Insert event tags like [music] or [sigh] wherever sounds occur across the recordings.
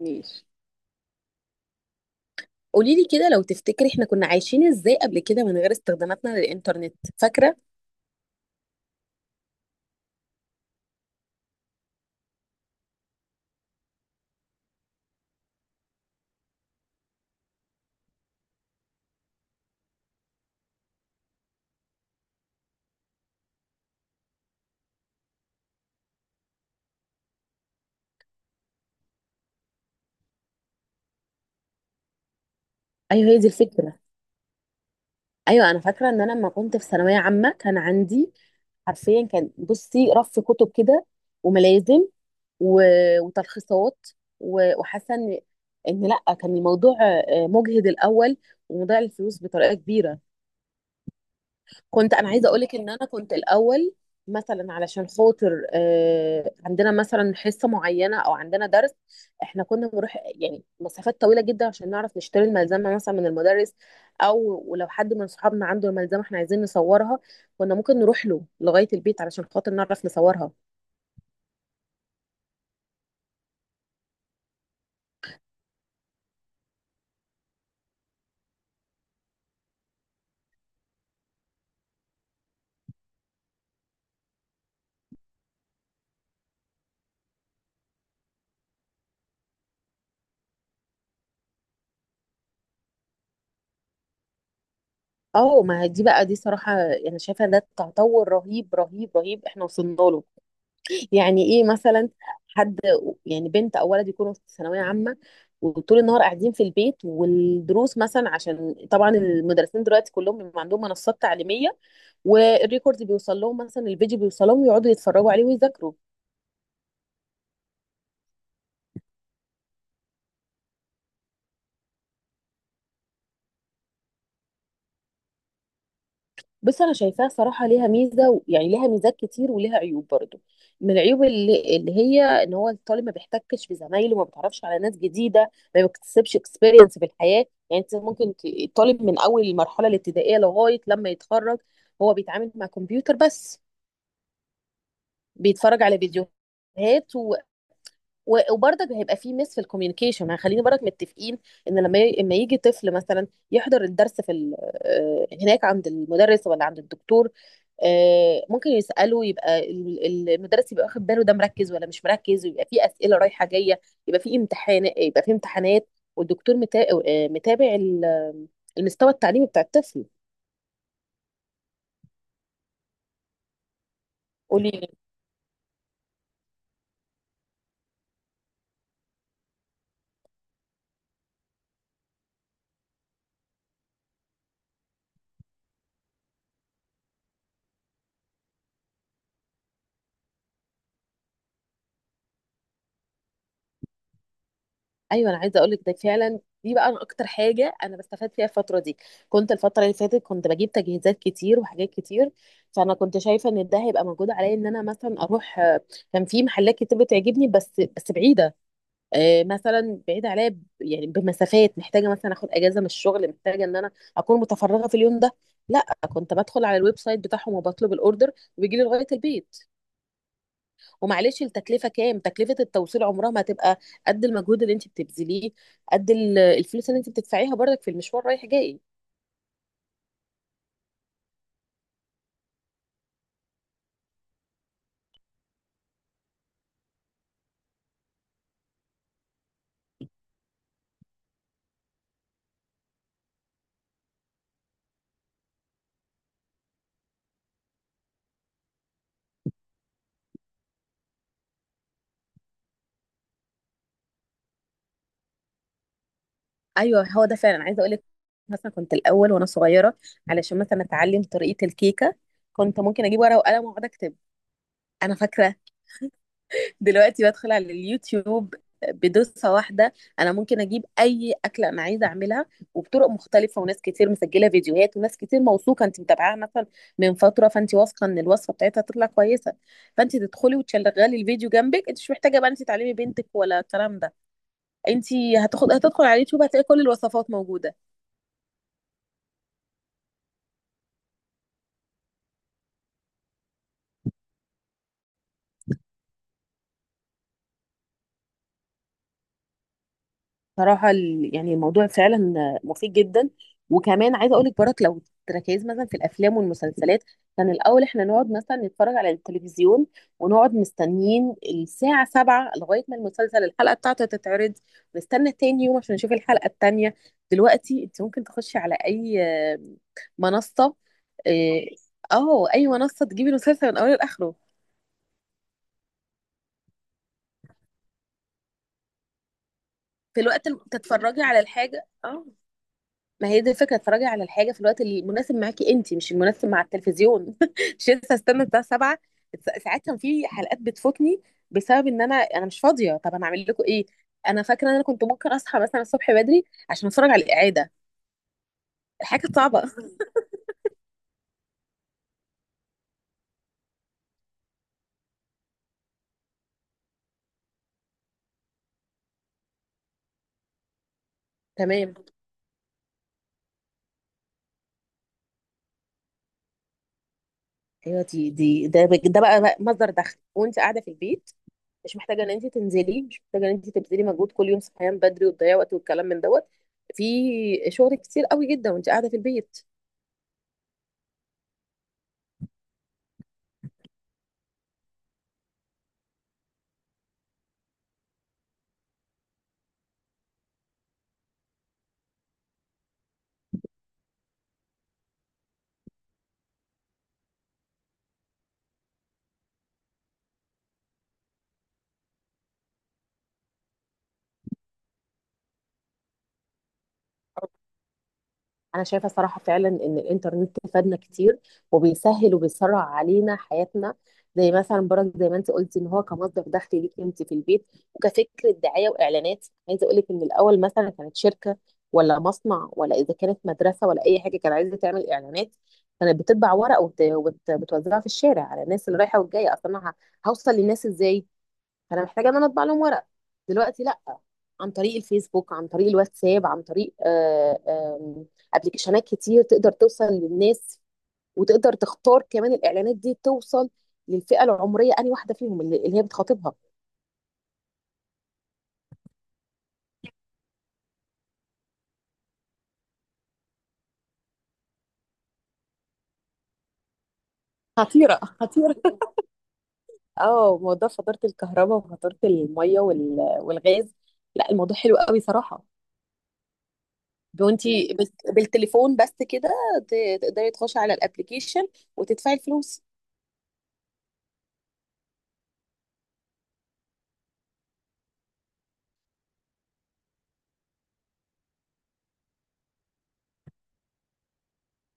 ماشي. قولي لي كده لو تفتكري احنا كنا عايشين ازاي قبل كده من غير استخداماتنا للإنترنت، فاكرة؟ ايوه هي دي الفكره. ايوه انا فاكره ان انا لما كنت في ثانويه عامه كان عندي حرفيا، كان بصي رف كتب كده وملازم و- وتلخيصات و- وحاسه ان لا، كان الموضوع مجهد الاول ومضيع الفلوس بطريقه كبيره. كنت انا عايزه اقولك ان انا كنت الاول مثلا، علشان خاطر عندنا مثلا حصه معينه او عندنا درس. احنا كنا بنروح يعني مسافات طويله جدا عشان نعرف نشتري الملزمه مثلا من المدرس، او ولو حد من صحابنا عنده الملزمه احنا عايزين نصورها، كنا ممكن نروح له لغايه البيت علشان خاطر نعرف نصورها. اه ما هي دي بقى، دي صراحه انا يعني شايفه ده تطور رهيب رهيب رهيب احنا وصلنا له. يعني ايه مثلا؟ حد يعني بنت او ولد يكونوا في ثانويه عامه، وطول النهار قاعدين في البيت والدروس مثلا، عشان طبعا المدرسين دلوقتي كلهم بيبقى عندهم منصات تعليميه، والريكورد بيوصل لهم، مثلا الفيديو بيوصل لهم ويقعدوا يتفرجوا عليه ويذاكروا. بص، انا شايفاها صراحه ليها ميزه، يعني ليها ميزات كتير وليها عيوب برضو. من العيوب اللي هي ان هو الطالب ما بيحتكش بزمايله، ما بيتعرفش على ناس جديده، ما بيكتسبش اكسبيرينس في الحياه. يعني انت ممكن الطالب من اول المرحله الابتدائيه لغايه لما يتخرج هو بيتعامل مع كمبيوتر بس، بيتفرج على فيديوهات، و- وبرضك هيبقى في مس في الكوميونيكيشن. يعني خلينا برضك متفقين ان لما يجي طفل مثلا يحضر الدرس في هناك عند المدرس ولا عند الدكتور، ممكن يسأله، يبقى المدرس يبقى واخد باله، ده مركز ولا مش مركز، ويبقى في أسئلة رايحة جاية، يبقى في امتحان، يبقى في امتحانات، والدكتور متابع المستوى التعليمي بتاع الطفل. قولي. ايوه انا عايزه اقول لك، ده فعلا دي بقى أنا اكتر حاجه انا بستفاد فيها الفتره دي. كنت الفتره اللي فاتت كنت بجيب تجهيزات كتير وحاجات كتير، فانا كنت شايفه ان ده هيبقى موجود عليا ان انا مثلا اروح. كان في محلات كتير بتعجبني بس بعيده، مثلا بعيده عليا، يعني بمسافات، محتاجه مثلا اخد اجازه من الشغل، محتاجه ان انا اكون متفرغه في اليوم ده. لا، كنت بدخل على الويب سايت بتاعهم وبطلب الاوردر، وبيجي لي لغايه البيت. ومعلش التكلفه كام، تكلفه التوصيل عمرها ما هتبقى قد المجهود اللي انت بتبذليه، قد الفلوس اللي انت بتدفعيها برضك في المشوار رايح جاي. ايوه هو ده فعلا، عايزه اقول لك، مثلا كنت الاول وانا صغيره علشان مثلا اتعلم طريقه الكيكه، كنت ممكن اجيب ورقه وقلم واقعد اكتب. انا فاكره. دلوقتي بدخل على اليوتيوب بدوسة واحدة، أنا ممكن أجيب أي أكلة أنا عايزة أعملها، وبطرق مختلفة، وناس كتير مسجلة فيديوهات، وناس كتير موثوقة أنت متابعاها مثلا من فترة، فأنت واثقة إن الوصفة بتاعتها تطلع كويسة، فأنت تدخلي وتشغلي الفيديو جنبك. أنت مش محتاجة بقى أنت تعلمي بنتك ولا الكلام ده، أنت هتاخد هتدخل على اليوتيوب هتلاقي كل الوصفات موجودة. صراحة يعني الموضوع فعلا مفيد جدا. وكمان عايزة اقولك برك، لو تركيز مثلا في الافلام والمسلسلات، كان الاول احنا نقعد مثلا نتفرج على التلفزيون، ونقعد مستنيين الساعة سبعة لغاية ما المسلسل الحلقة بتاعته تتعرض، نستنى تاني يوم عشان نشوف الحلقة التانية. دلوقتي انت ممكن تخشي على اي آه، منصة. اه، اي منصة تجيبي المسلسل من اوله لاخره. في الوقت تتفرجي على الحاجة، اه ما هي دي الفكرة، اتفرجي على الحاجة في الوقت اللي مناسب معاكي انت، مش المناسب مع التلفزيون. [laughs] مش لسه استنى الساعة 7. ساعات كان في حلقات بتفوتني بسبب ان انا مش فاضية، طب انا اعمل لكم ايه؟ انا فاكرة ان انا كنت ممكن اصحى مثلا الصبح بدري عشان اتفرج على الإعادة. الحاجة كانت صعبة. [laughs] تمام. ايوه دي دي ده ده بقى بقى مصدر دخل وانت قاعدة في البيت، مش محتاجة ان انت تنزلي، مش محتاجة ان انت تبذلي مجهود كل يوم صحيان بدري وتضيعي وقت والكلام من دوت. في شغل كتير قوي جدا وانت قاعدة في البيت. انا شايفه صراحه فعلا ان الانترنت فادنا كتير، وبيسهل وبيسرع علينا حياتنا، زي مثلا برك زي ما انت قلتي ان هو كمصدر دخل ليكي انت في البيت. وكفكره دعايه واعلانات، عايزه اقول لك ان الاول مثلا كانت شركه ولا مصنع ولا اذا كانت مدرسه ولا اي حاجه كانت عايزه تعمل اعلانات، كانت بتطبع ورق، وبت- وبت- وبتوزعها في الشارع على الناس اللي رايحه والجايه، اصلا أنا هوصل للناس ازاي، فانا محتاجه ان انا اطبع لهم ورق. دلوقتي لا، عن طريق الفيسبوك، عن طريق الواتساب، عن طريق آم، ابلكيشنات كتير تقدر توصل للناس، وتقدر تختار كمان الاعلانات دي توصل للفئه العمريه انهي واحده فيهم اللي هي بتخاطبها. خطيره، خطيره. [laughs] اه موضوع فاتوره الكهرباء وفاتوره الميه وال- والغاز، لا الموضوع حلو قوي صراحه. وانتي بس- بالتليفون بس كده، تقدري تخشي على الابلكيشن وتدفعي الفلوس.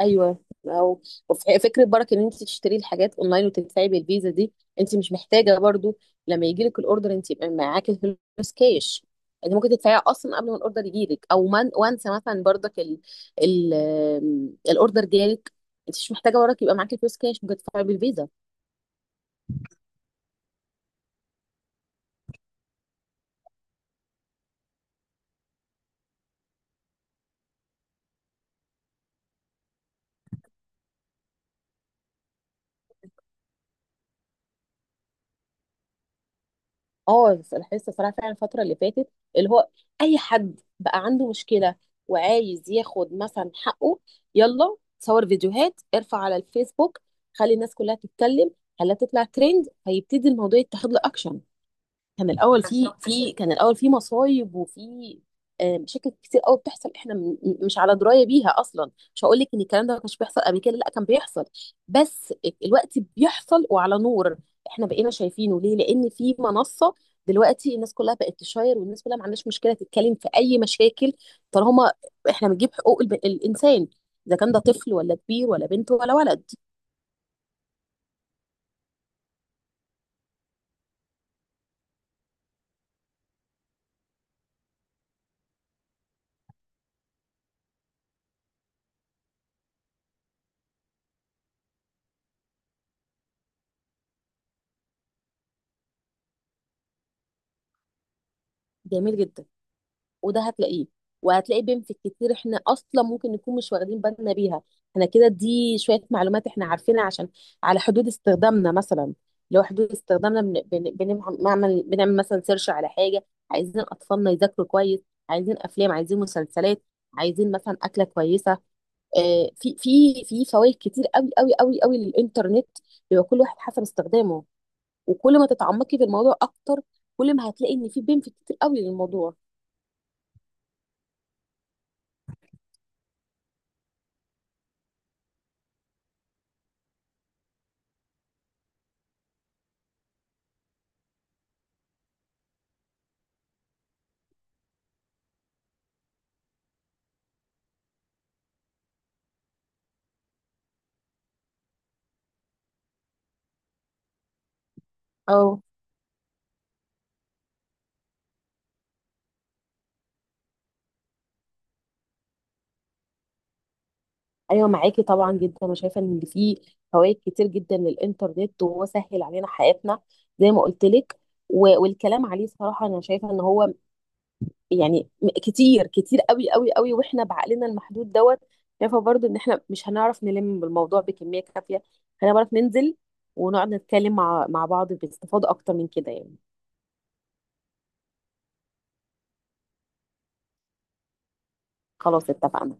ايوه. او، وف- فكره برك ان انت تشتري الحاجات اونلاين وتدفعي بالفيزا دي، انت مش محتاجه برضو لما يجي لك الاوردر انت يبقى معاكي فلوس كاش، انت ممكن تدفعيها اصلا قبل ما الاوردر يجي لك، او من وانسى مثلا برضك ال ال الاوردر جالك انت مش محتاجه برك يبقى معاكي فلوس كاش، ممكن تدفعي بالفيزا. اه لاحظت الصراحه فعلا الفتره اللي فاتت، اللي هو اي حد بقى عنده مشكله وعايز ياخد مثلا حقه، يلا صور فيديوهات، ارفع على الفيسبوك، خلي الناس كلها تتكلم، خليها تطلع ترند، فيبتدي الموضوع يتاخد له اكشن. كان الاول في مصايب وفي مشاكل كتير قوي بتحصل احنا مش على درايه بيها اصلا. مش هقول لك ان الكلام ده ما كانش بيحصل قبل كده، لا كان بيحصل، بس الوقت بيحصل وعلى نور، احنا بقينا شايفينه. ليه؟ لان في منصه دلوقتي الناس كلها بقت تشاير، والناس كلها ما عندهاش مشكله تتكلم في اي مشاكل، طالما احنا بنجيب حقوق الانسان، اذا كان ده طفل ولا كبير ولا بنت ولا ولد. جميل جدا. وده هتلاقيه، وهتلاقي بنفك كتير احنا اصلا ممكن نكون مش واخدين بالنا بيها. احنا كده دي شويه معلومات احنا عارفينها عشان على حدود استخدامنا مثلا، لو حدود استخدامنا بنعمل مثلا سيرش على حاجه، عايزين اطفالنا يذاكروا كويس، عايزين افلام، عايزين مسلسلات، عايزين مثلا اكله كويسه. في في في فوائد كتير قوي قوي قوي قوي للانترنت، بيبقى كل واحد حسب استخدامه، وكل ما تتعمقي في الموضوع اكتر، كل ما هتلاقي ان في بنفيت كتير قوي للموضوع. اه. ايوه معاكي طبعا جدا، انا شايفه ان في فوائد كتير جدا للانترنت، وهو سهل علينا حياتنا زي ما قلت لك. و- والكلام عليه صراحه انا شايفه ان هو يعني كتير كتير قوي قوي قوي، واحنا بعقلنا المحدود دوت شايفه برضو ان احنا مش هنعرف نلم بالموضوع بكميه كافيه، هنعرف ننزل ونقعد نتكلم مع بعض باستفاضه اكتر من كده يعني. خلاص اتفقنا.